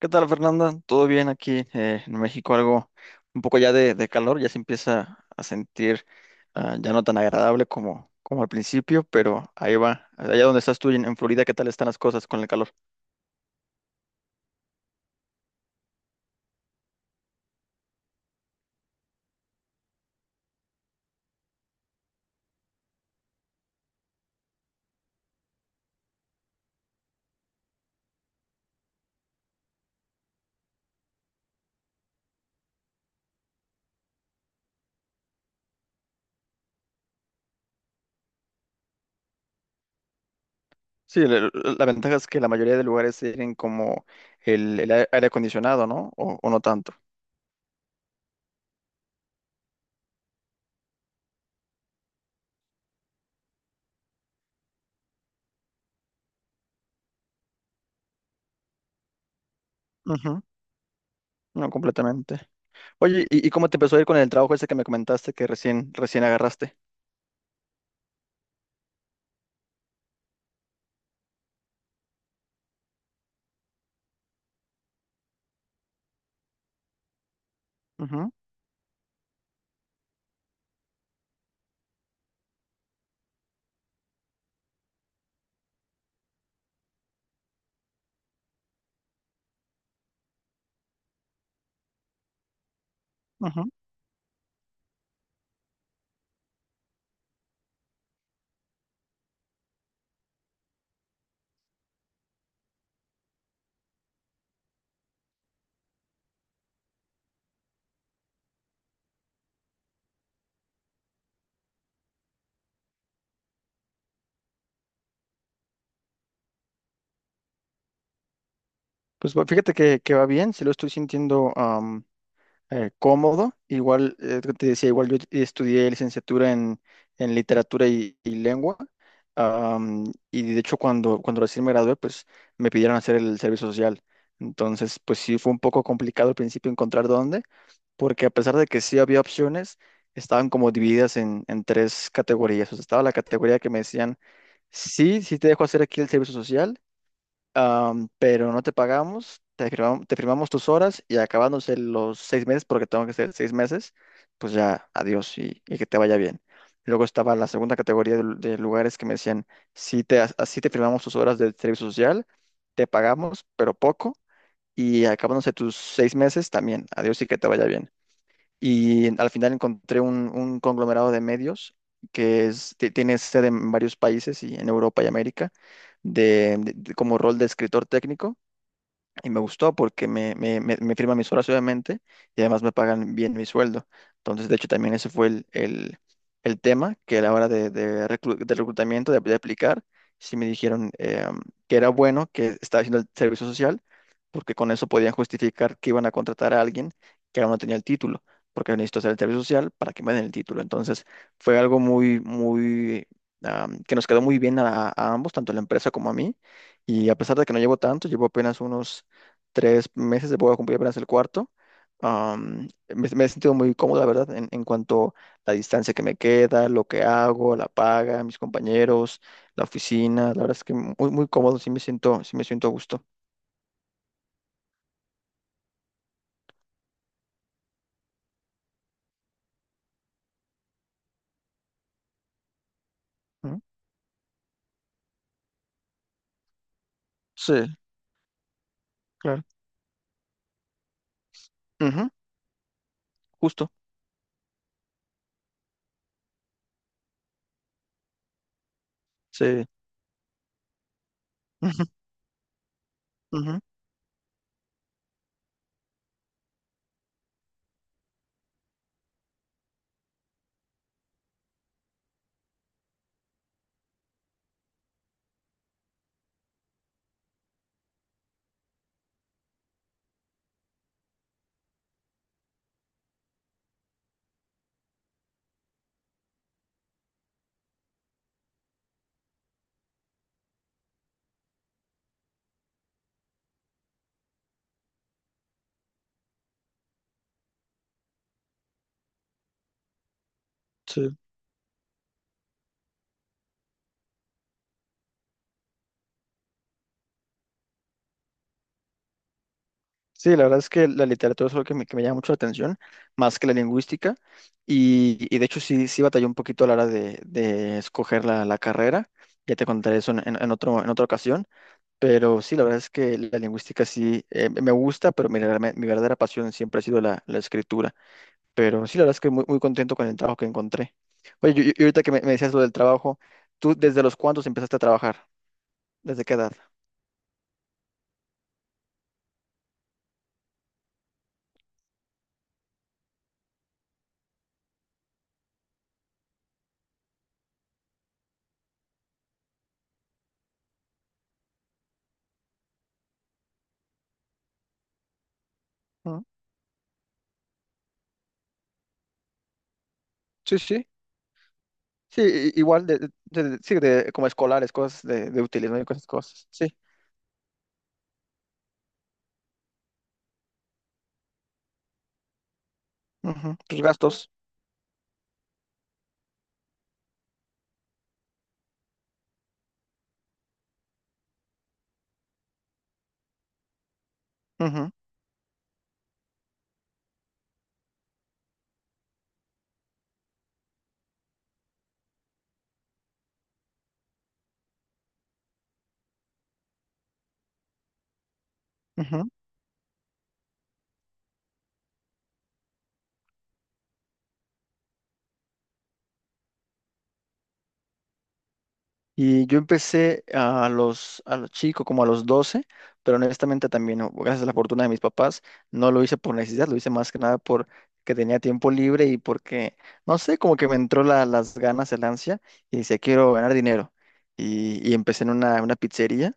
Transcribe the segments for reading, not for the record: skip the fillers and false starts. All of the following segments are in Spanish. ¿Qué tal, Fernanda? ¿Todo bien aquí en México? Algo un poco ya de calor, ya se empieza a sentir ya no tan agradable como al principio, pero ahí va. Allá donde estás tú en Florida, ¿qué tal están las cosas con el calor? Sí, la ventaja es que la mayoría de lugares tienen como el aire acondicionado, ¿no? O no tanto. Ujú. No, completamente. Oye, ¿y cómo te empezó a ir con el trabajo ese que me comentaste que recién agarraste? Ujú, ujú. Pues bueno, fíjate que va bien, sí lo estoy sintiendo, cómodo. Igual, te decía, igual yo estudié licenciatura en literatura y lengua. am, y de hecho, cuando recién me gradué, pues me pidieron hacer el servicio social. Entonces, pues sí, fue un poco complicado al principio encontrar dónde, porque a pesar de que sí había opciones, estaban como divididas en tres categorías. O sea, estaba la categoría que me decían, sí, sí te dejo hacer aquí el servicio social, pero no te pagamos, te firmamos tus horas y acabándose los 6 meses, porque tengo que ser 6 meses, pues ya, adiós y que te vaya bien. Luego estaba la segunda categoría de lugares que me decían, sí te, así te firmamos tus horas de servicio social, te pagamos, pero poco, y acabándose tus 6 meses también, adiós y que te vaya bien. Y al final encontré un conglomerado de medios que tiene sede en varios países y en Europa y América, como rol de escritor técnico. Y me gustó porque me firman mis horas, obviamente, y además me pagan bien mi sueldo. Entonces, de hecho, también ese fue el tema que a la hora de, de reclutamiento, de aplicar, sí me dijeron que era bueno que estaba haciendo el servicio social, porque con eso podían justificar que iban a contratar a alguien que aún no tenía el título, porque necesito hacer el servicio social para que me den el título. Entonces, fue algo muy, muy, que nos quedó muy bien a ambos, tanto a la empresa como a mí. Y a pesar de que no llevo tanto, llevo apenas unos 3 meses, voy a cumplir apenas el cuarto. Me he sentido muy cómodo, la verdad, en cuanto a la distancia que me queda, lo que hago, la paga, mis compañeros, la oficina. La verdad es que muy, muy cómodo, sí me siento a gusto. Ujú. Sí, claro. Ujú, justo, sí. Ujú, ujú, sí. Sí, la verdad es que la literatura es algo que me llama mucho la atención, más que la lingüística. Y de hecho sí, sí batallé un poquito a la hora de escoger la carrera. Ya te contaré eso en otra ocasión. Pero sí, la verdad es que la lingüística sí, me gusta, pero mi verdadera pasión siempre ha sido la escritura. Pero sí, la verdad es que muy, muy contento con el trabajo que encontré. Oye, y ahorita que me decías lo del trabajo, ¿tú desde los cuántos empezaste a trabajar? ¿Desde qué edad? Ah, sí, sí, sí, igual, de, sí, como escolares, cosas de útiles, ¿no? Y cosas, cosas, sí. Ujú, tus gastos. Ujú, ujú. Y yo empecé a los chicos, como a los 12, pero honestamente también, gracias a la fortuna de mis papás, no lo hice por necesidad, lo hice más que nada porque tenía tiempo libre y porque, no sé, como que me entró las ganas, el ansia, y decía, quiero ganar dinero. Y empecé en una pizzería.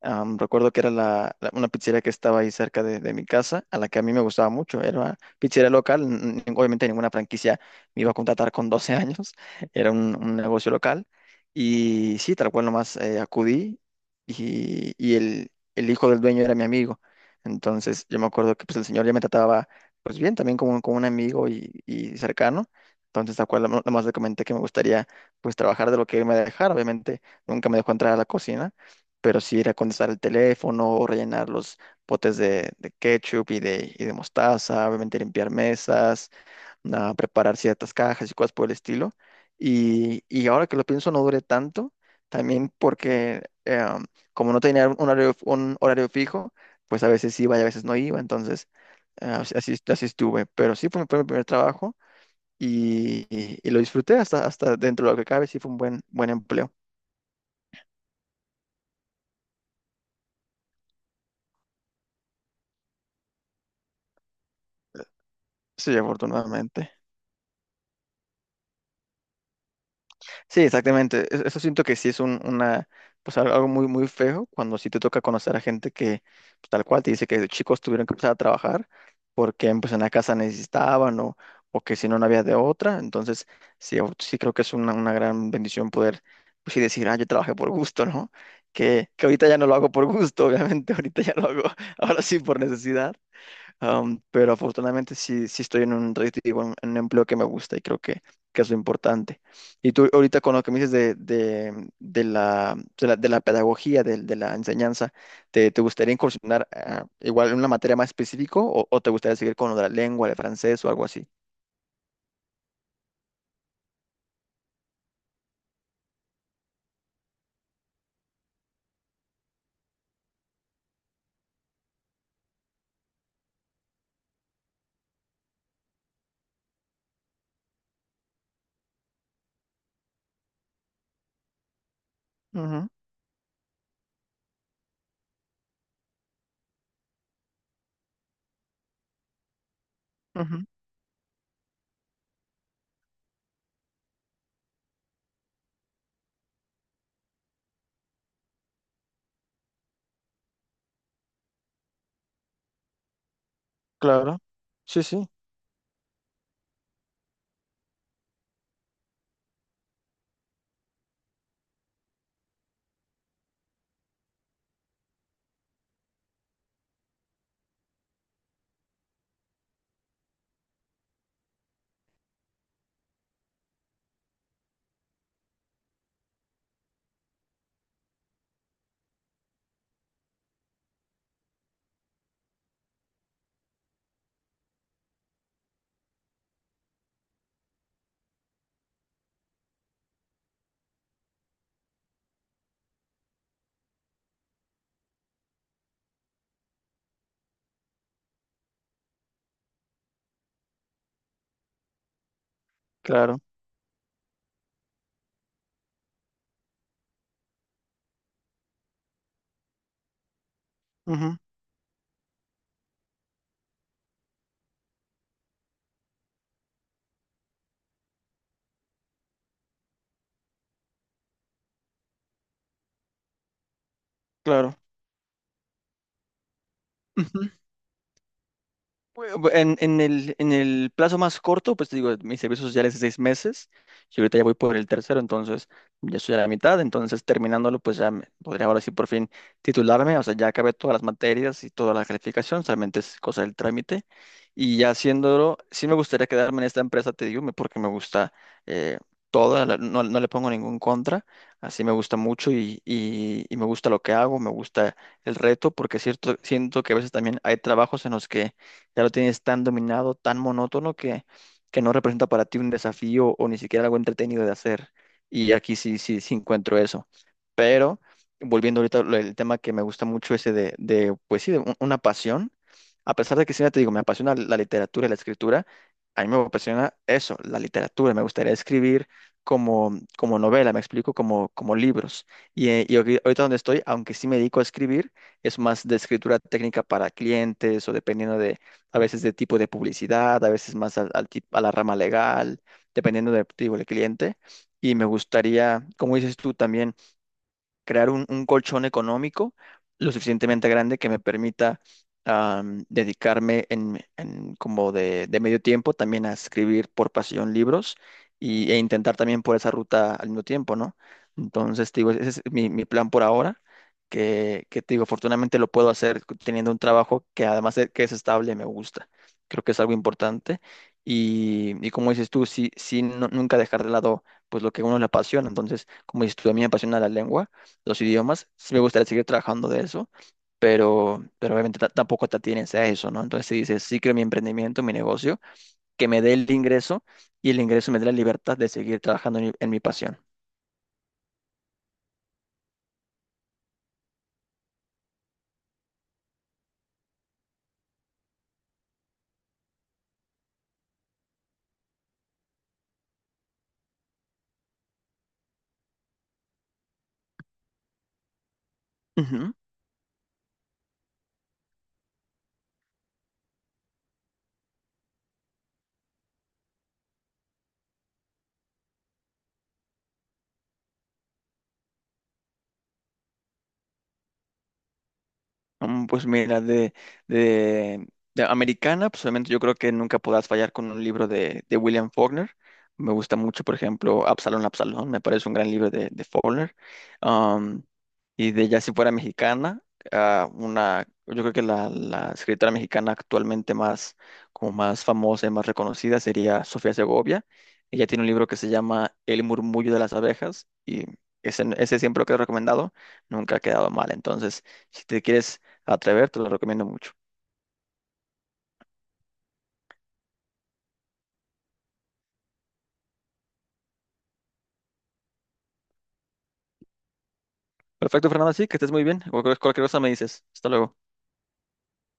Recuerdo que era una pizzería que estaba ahí cerca de mi casa, a la que a mí me gustaba mucho. Era una pizzería local, obviamente ninguna franquicia me iba a contratar con 12 años, era un negocio local. Y sí, tal cual nomás, acudí y el hijo del dueño era mi amigo. Entonces yo me acuerdo que pues, el señor ya me trataba pues bien, también como, como un amigo y cercano. Entonces tal cual nomás le comenté que me gustaría pues trabajar de lo que él me dejara. Obviamente nunca me dejó entrar a la cocina, pero sí era contestar el teléfono o rellenar los potes de ketchup y de mostaza, obviamente limpiar mesas, a preparar ciertas cajas y cosas por el estilo. Y ahora que lo pienso, no duré tanto, también porque, como no tenía un horario fijo, pues a veces iba y a veces no iba, entonces, así así estuve. Pero sí fue mi, primer trabajo y lo disfruté hasta dentro de lo que cabe, sí fue un buen, buen empleo. Sí, afortunadamente. Sí, exactamente. Eso siento que sí es un, una, pues al- algo muy, muy feo cuando sí te toca conocer a gente que pues, tal cual te dice que de chicos tuvieron que empezar a trabajar porque pues en la casa necesitaban, o que si no, no había de otra. Entonces, sí, sí creo que es una gran bendición poder pues sí decir, ah, yo trabajé por gusto, ¿no? Que ahorita ya no lo hago por gusto, obviamente, ahorita ya lo hago ahora sí por necesidad. Pero afortunadamente sí, estoy en un red- digo, en un empleo que me gusta y creo que es lo importante. Y tú ahorita con lo que me dices de, de la pedagogía, de la enseñanza, ¿te gustaría incursionar, igual en una materia más específica o te gustaría seguir con lo de la lengua, el francés o algo así? Ujú, ujú, claro, sí, sí, claro, ujú, claro. Bueno, pues, en el plazo más corto, pues te digo, mi servicio social es de 6 meses, yo ahorita ya voy por el tercero, entonces ya estoy a la mitad, entonces terminándolo, pues ya podría ahora sí por fin titularme, o sea, ya acabé todas las materias y toda la calificación, solamente es cosa del trámite, y ya haciéndolo, sí me gustaría quedarme en esta empresa, te digo, porque me gusta, eh, toda, no, no le pongo ningún contra, así me gusta mucho y me gusta lo que hago, me gusta el reto, porque es cierto, siento que a veces también hay trabajos en los que ya lo tienes tan dominado, tan monótono que no representa para ti un desafío o ni siquiera algo entretenido de hacer. Y aquí sí, sí, sí encuentro eso. Pero volviendo ahorita al el tema que me gusta mucho ese pues sí, una pasión, a pesar de que siempre te digo, me apasiona la literatura y la escritura, a mí me apasiona eso, la literatura, me gustaría escribir como, como novela, me explico, como, como libros. Y, ahorita donde estoy, aunque sí me dedico a escribir, es más de escritura técnica para clientes o dependiendo a veces de tipo de publicidad, a veces más a la rama legal, dependiendo el cliente. Y me gustaría, como dices tú también, crear un colchón económico lo suficientemente grande que me permita, dedicarme en como de medio tiempo también a escribir por pasión libros y, e intentar también por esa ruta al mismo tiempo, ¿no? Entonces, te digo, ese es mi plan por ahora, que te digo, afortunadamente lo puedo hacer teniendo un trabajo que además de que es estable, me gusta. Creo que es algo importante. Y como dices tú, sí, sí, nunca dejar de lado pues lo que a uno le apasiona. Entonces, como dices tú, a mí me apasiona la lengua, los idiomas. Sí me gustaría seguir trabajando de eso, pero obviamente tampoco te atienes a eso, ¿no? Entonces, si dices, sí creo mi emprendimiento, mi negocio, que me dé el ingreso y el ingreso me dé la libertad de seguir trabajando en mi pasión. Ujú. Pues mira, de, de americana, pues obviamente yo creo que nunca podrás fallar con un libro de William Faulkner. Me gusta mucho, por ejemplo, Absalón, Absalón, me parece un gran libro de Faulkner. Y de ya si fuera mexicana, ah, una, yo creo que la escritora mexicana actualmente más, como más famosa y más reconocida sería Sofía Segovia. Ella tiene un libro que se llama El murmullo de las abejas y ese siempre lo que he recomendado, nunca ha quedado mal. Entonces, si te quieres atrever, te lo recomiendo mucho. Perfecto, Fernando, sí, que estés muy bien. Cualquier cosa me dices. Hasta luego.